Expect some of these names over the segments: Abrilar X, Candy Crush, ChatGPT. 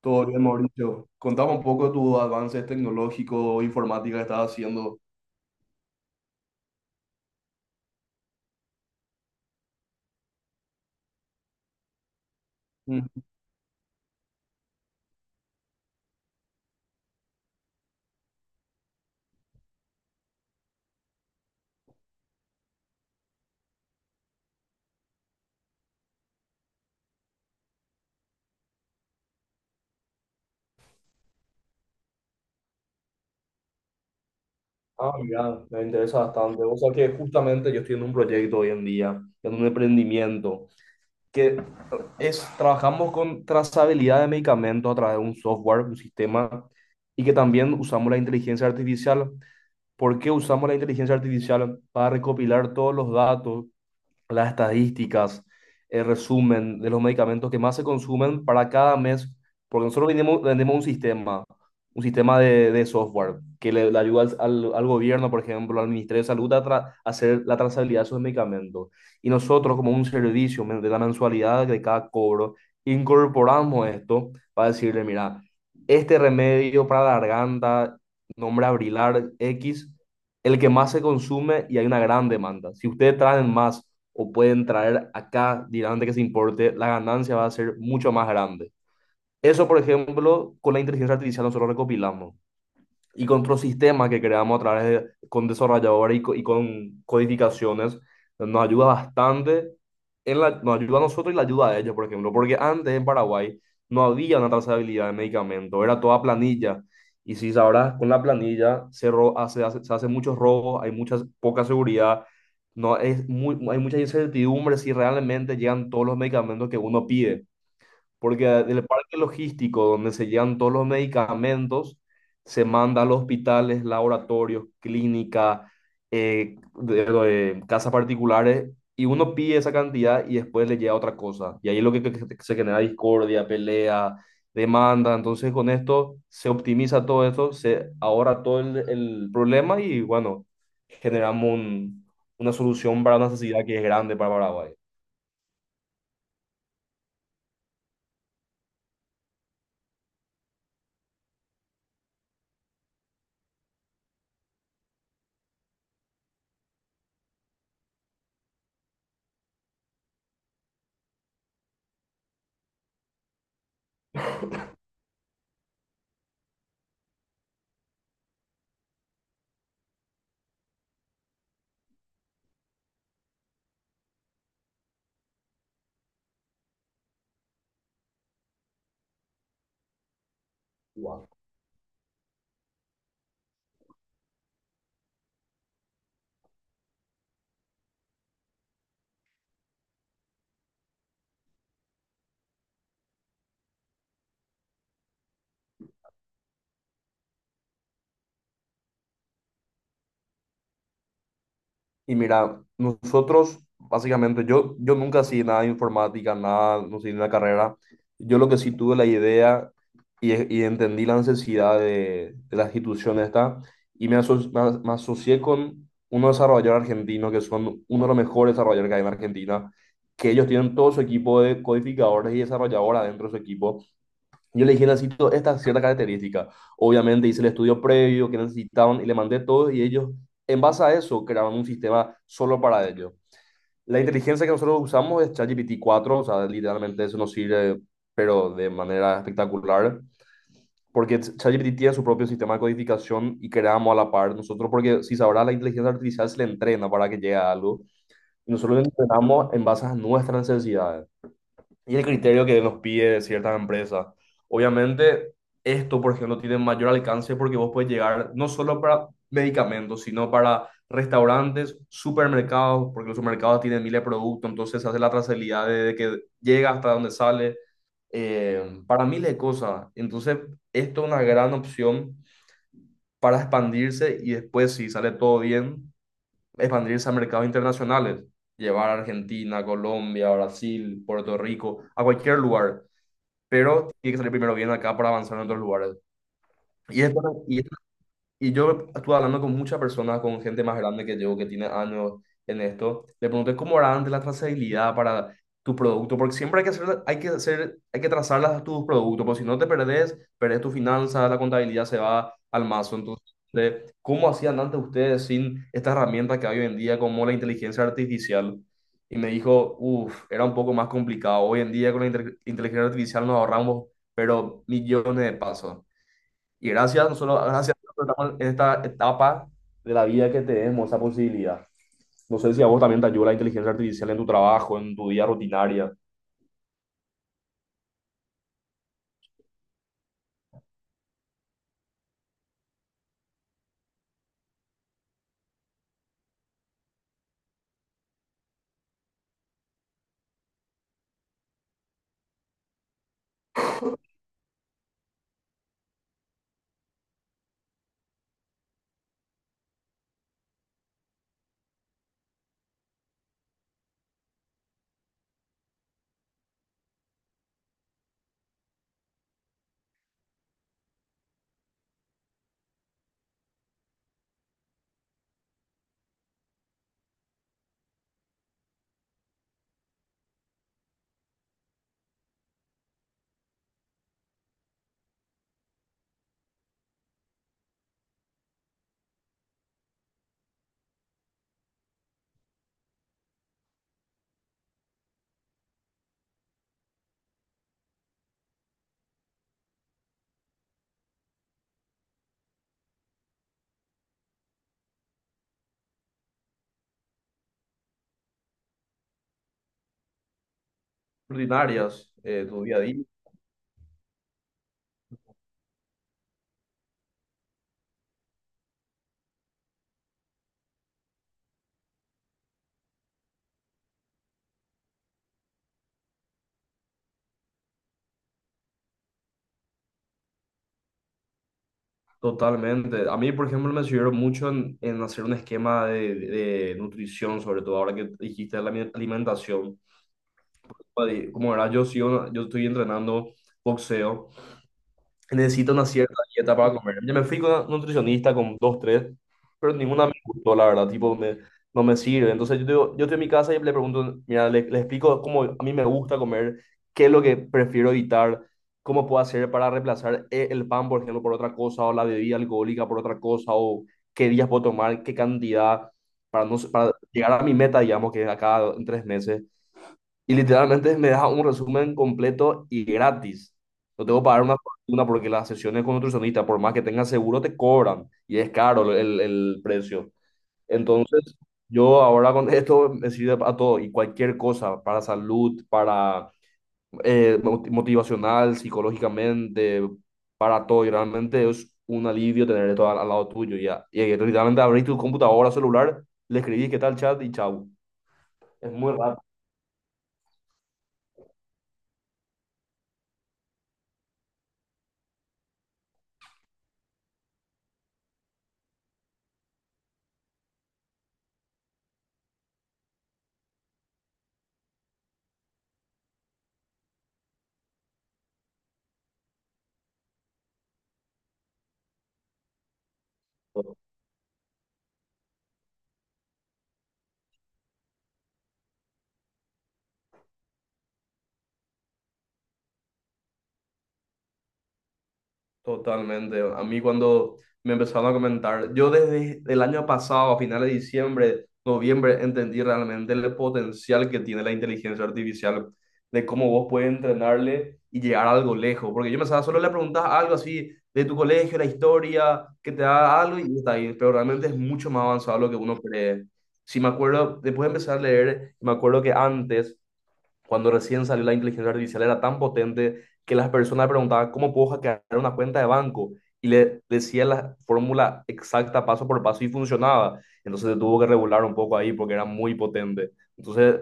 Todo bien, Mauricio. Contame un poco de tus avances tecnológicos, informática que estás haciendo. Mm. Ah, mira, me interesa bastante. O sea que justamente yo estoy en un proyecto hoy en día, en un emprendimiento, que eh, trabajamos con trazabilidad de medicamentos a través de un software, un sistema, y que también usamos la inteligencia artificial. ¿Por qué usamos la inteligencia artificial? Para recopilar todos los datos, las estadísticas, el resumen de los medicamentos que más se consumen para cada mes, porque nosotros vendemos un sistema de software que le ayuda al gobierno, por ejemplo, al Ministerio de Salud a hacer la trazabilidad de sus medicamentos. Y nosotros, como un servicio de la mensualidad de cada cobro, incorporamos esto para decirle: mira, este remedio para la garganta, nombre Abrilar X, el que más se consume y hay una gran demanda. Si ustedes traen más o pueden traer acá directamente que se importe, la ganancia va a ser mucho más grande. Eso, por ejemplo, con la inteligencia artificial nosotros recopilamos, y con otros sistemas que creamos a través de, con desarrolladores y con codificaciones, nos ayuda bastante, nos ayuda a nosotros y la ayuda a ellos, por ejemplo, porque antes en Paraguay no había una trazabilidad de medicamentos, era toda planilla. Y si sabrás, con la planilla se hacen muchos robos, hay mucha poca seguridad, no, hay mucha incertidumbre si realmente llegan todos los medicamentos que uno pide. Porque del parque logístico donde se llevan todos los medicamentos, se manda a los hospitales, laboratorios, clínica, de casas particulares, y uno pide esa cantidad y después le llega otra cosa. Y ahí es lo que se genera discordia, pelea, demanda. Entonces con esto se optimiza todo esto, se ahorra todo el problema y, bueno, generamos una solución para una necesidad que es grande para Paraguay. Wow. Y mira, nosotros, básicamente, yo nunca hacía nada de informática, nada, no sé, en la carrera. Yo lo que sí tuve la idea y entendí la necesidad de la institución esta, y me asocié con unos desarrolladores argentinos que son uno de los mejores desarrolladores que hay en Argentina, que ellos tienen todo su equipo de codificadores y desarrolladores dentro de su equipo. Yo le dije: necesito esta cierta característica. Obviamente hice el estudio previo que necesitaban y le mandé todo y ellos, en base a eso, crearon un sistema solo para ellos. La inteligencia que nosotros usamos es ChatGPT 4, o sea, literalmente eso nos sirve, pero de manera espectacular, porque ChatGPT tiene su propio sistema de codificación y creamos a la par nosotros, porque si sabrá, la inteligencia artificial se le entrena para que llegue a algo. Y nosotros le entrenamos en base a nuestras necesidades y el criterio que nos pide ciertas empresas. Obviamente, esto, por ejemplo, tiene mayor alcance porque vos puedes llegar no solo para medicamentos, sino para restaurantes, supermercados, porque los supermercados tienen miles de productos, entonces se hace la trazabilidad de que llega hasta donde sale, para miles de cosas. Entonces, esto es una gran opción para expandirse y después, si sale todo bien, expandirse a mercados internacionales, llevar a Argentina, Colombia, Brasil, Puerto Rico, a cualquier lugar, pero tiene que salir primero bien acá para avanzar en otros lugares. Y después, y yo estuve hablando con muchas personas, con gente más grande que yo, que tiene años en esto. Le pregunté cómo era antes la trazabilidad para tu producto, porque siempre hay que trazar tus productos, porque si no te perdés, perdés tu finanzas, la contabilidad se va al mazo. Entonces, de ¿cómo hacían antes ustedes sin esta herramienta que hay hoy en día, como la inteligencia artificial? Y me dijo: uff, era un poco más complicado. Hoy en día con la inteligencia artificial nos ahorramos pero millones de pasos. Y nosotros estamos en esta etapa de la vida que tenemos esa posibilidad. No sé si a vos también te ayuda la inteligencia artificial en tu trabajo, en tu día rutinaria. Rutinarias, tu día a día. Totalmente. A mí, por ejemplo, me sirvió mucho en, hacer un esquema de nutrición, sobre todo ahora que dijiste la alimentación. Como verás, yo estoy entrenando boxeo. Necesito una cierta dieta para comer. Ya me fui con una nutricionista, con dos, tres, pero ninguna me gustó, la verdad, tipo, no me sirve. Entonces yo estoy en mi casa y le pregunto: mira, le explico cómo a mí me gusta comer, qué es lo que prefiero evitar, cómo puedo hacer para reemplazar el pan, por ejemplo, por otra cosa, o la bebida alcohólica por otra cosa, o qué días puedo tomar, qué cantidad, para, no, para llegar a mi meta, digamos, que es acá en 3 meses. Y literalmente me deja un resumen completo y gratis. No tengo que pagar una fortuna porque las sesiones con nutricionista, por más que tengas seguro, te cobran y es caro el precio. Entonces, yo ahora con esto me sirve para todo y cualquier cosa, para salud, para motivacional, psicológicamente, para todo. Y realmente es un alivio tener esto al lado tuyo. Ya. Y literalmente abrir tu computadora, celular, le escribís qué tal chat y chau. Es muy rápido. Totalmente. A mí cuando me empezaron a comentar, yo desde el año pasado, a finales de diciembre, noviembre, entendí realmente el potencial que tiene la inteligencia artificial, de cómo vos puedes entrenarle y llegar a algo lejos. Porque yo pensaba, solo le preguntas algo así de tu colegio, la historia, que te da algo y está ahí. Pero realmente es mucho más avanzado lo que uno cree. Si me acuerdo, después de empezar a leer, me acuerdo que antes, cuando recién salió la inteligencia artificial, era tan potente que las personas preguntaban cómo puedo hackear una cuenta de banco y le decía la fórmula exacta paso por paso y funcionaba. Entonces se tuvo que regular un poco ahí porque era muy potente. Entonces,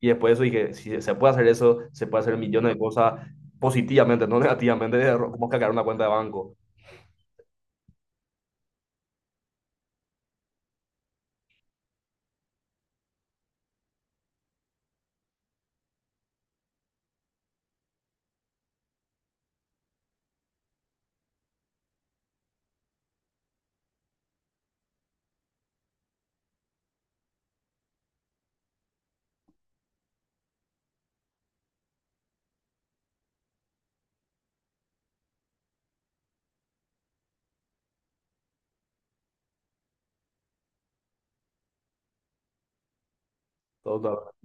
y después de eso dije, si se puede hacer eso, se puede hacer millones de cosas positivamente, no negativamente, de cómo hackear una cuenta de banco. Todo, todo.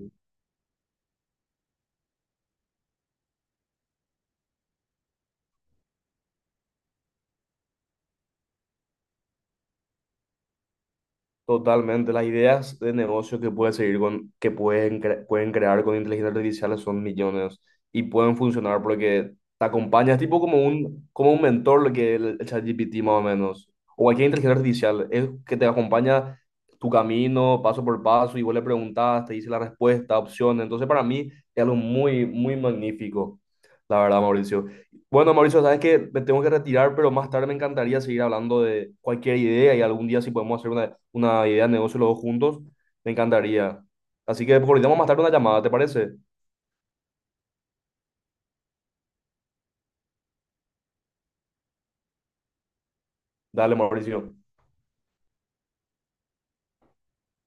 Totalmente, las ideas de negocio que pueden seguir con, pueden crear con inteligencia artificial son millones y pueden funcionar porque te acompañas, tipo como un mentor. Lo que el ChatGPT más o menos, o cualquier inteligencia artificial, es que te acompaña tu camino paso por paso y vos le preguntás, te dice la respuesta, opciones. Entonces, para mí es algo muy, muy magnífico, la verdad, Mauricio. Bueno, Mauricio, sabes que me tengo que retirar, pero más tarde me encantaría seguir hablando de cualquier idea, y algún día, si podemos hacer una idea de negocio los dos juntos, me encantaría. Así que coordinamos más tarde una llamada, ¿te parece? Dale, Mauricio.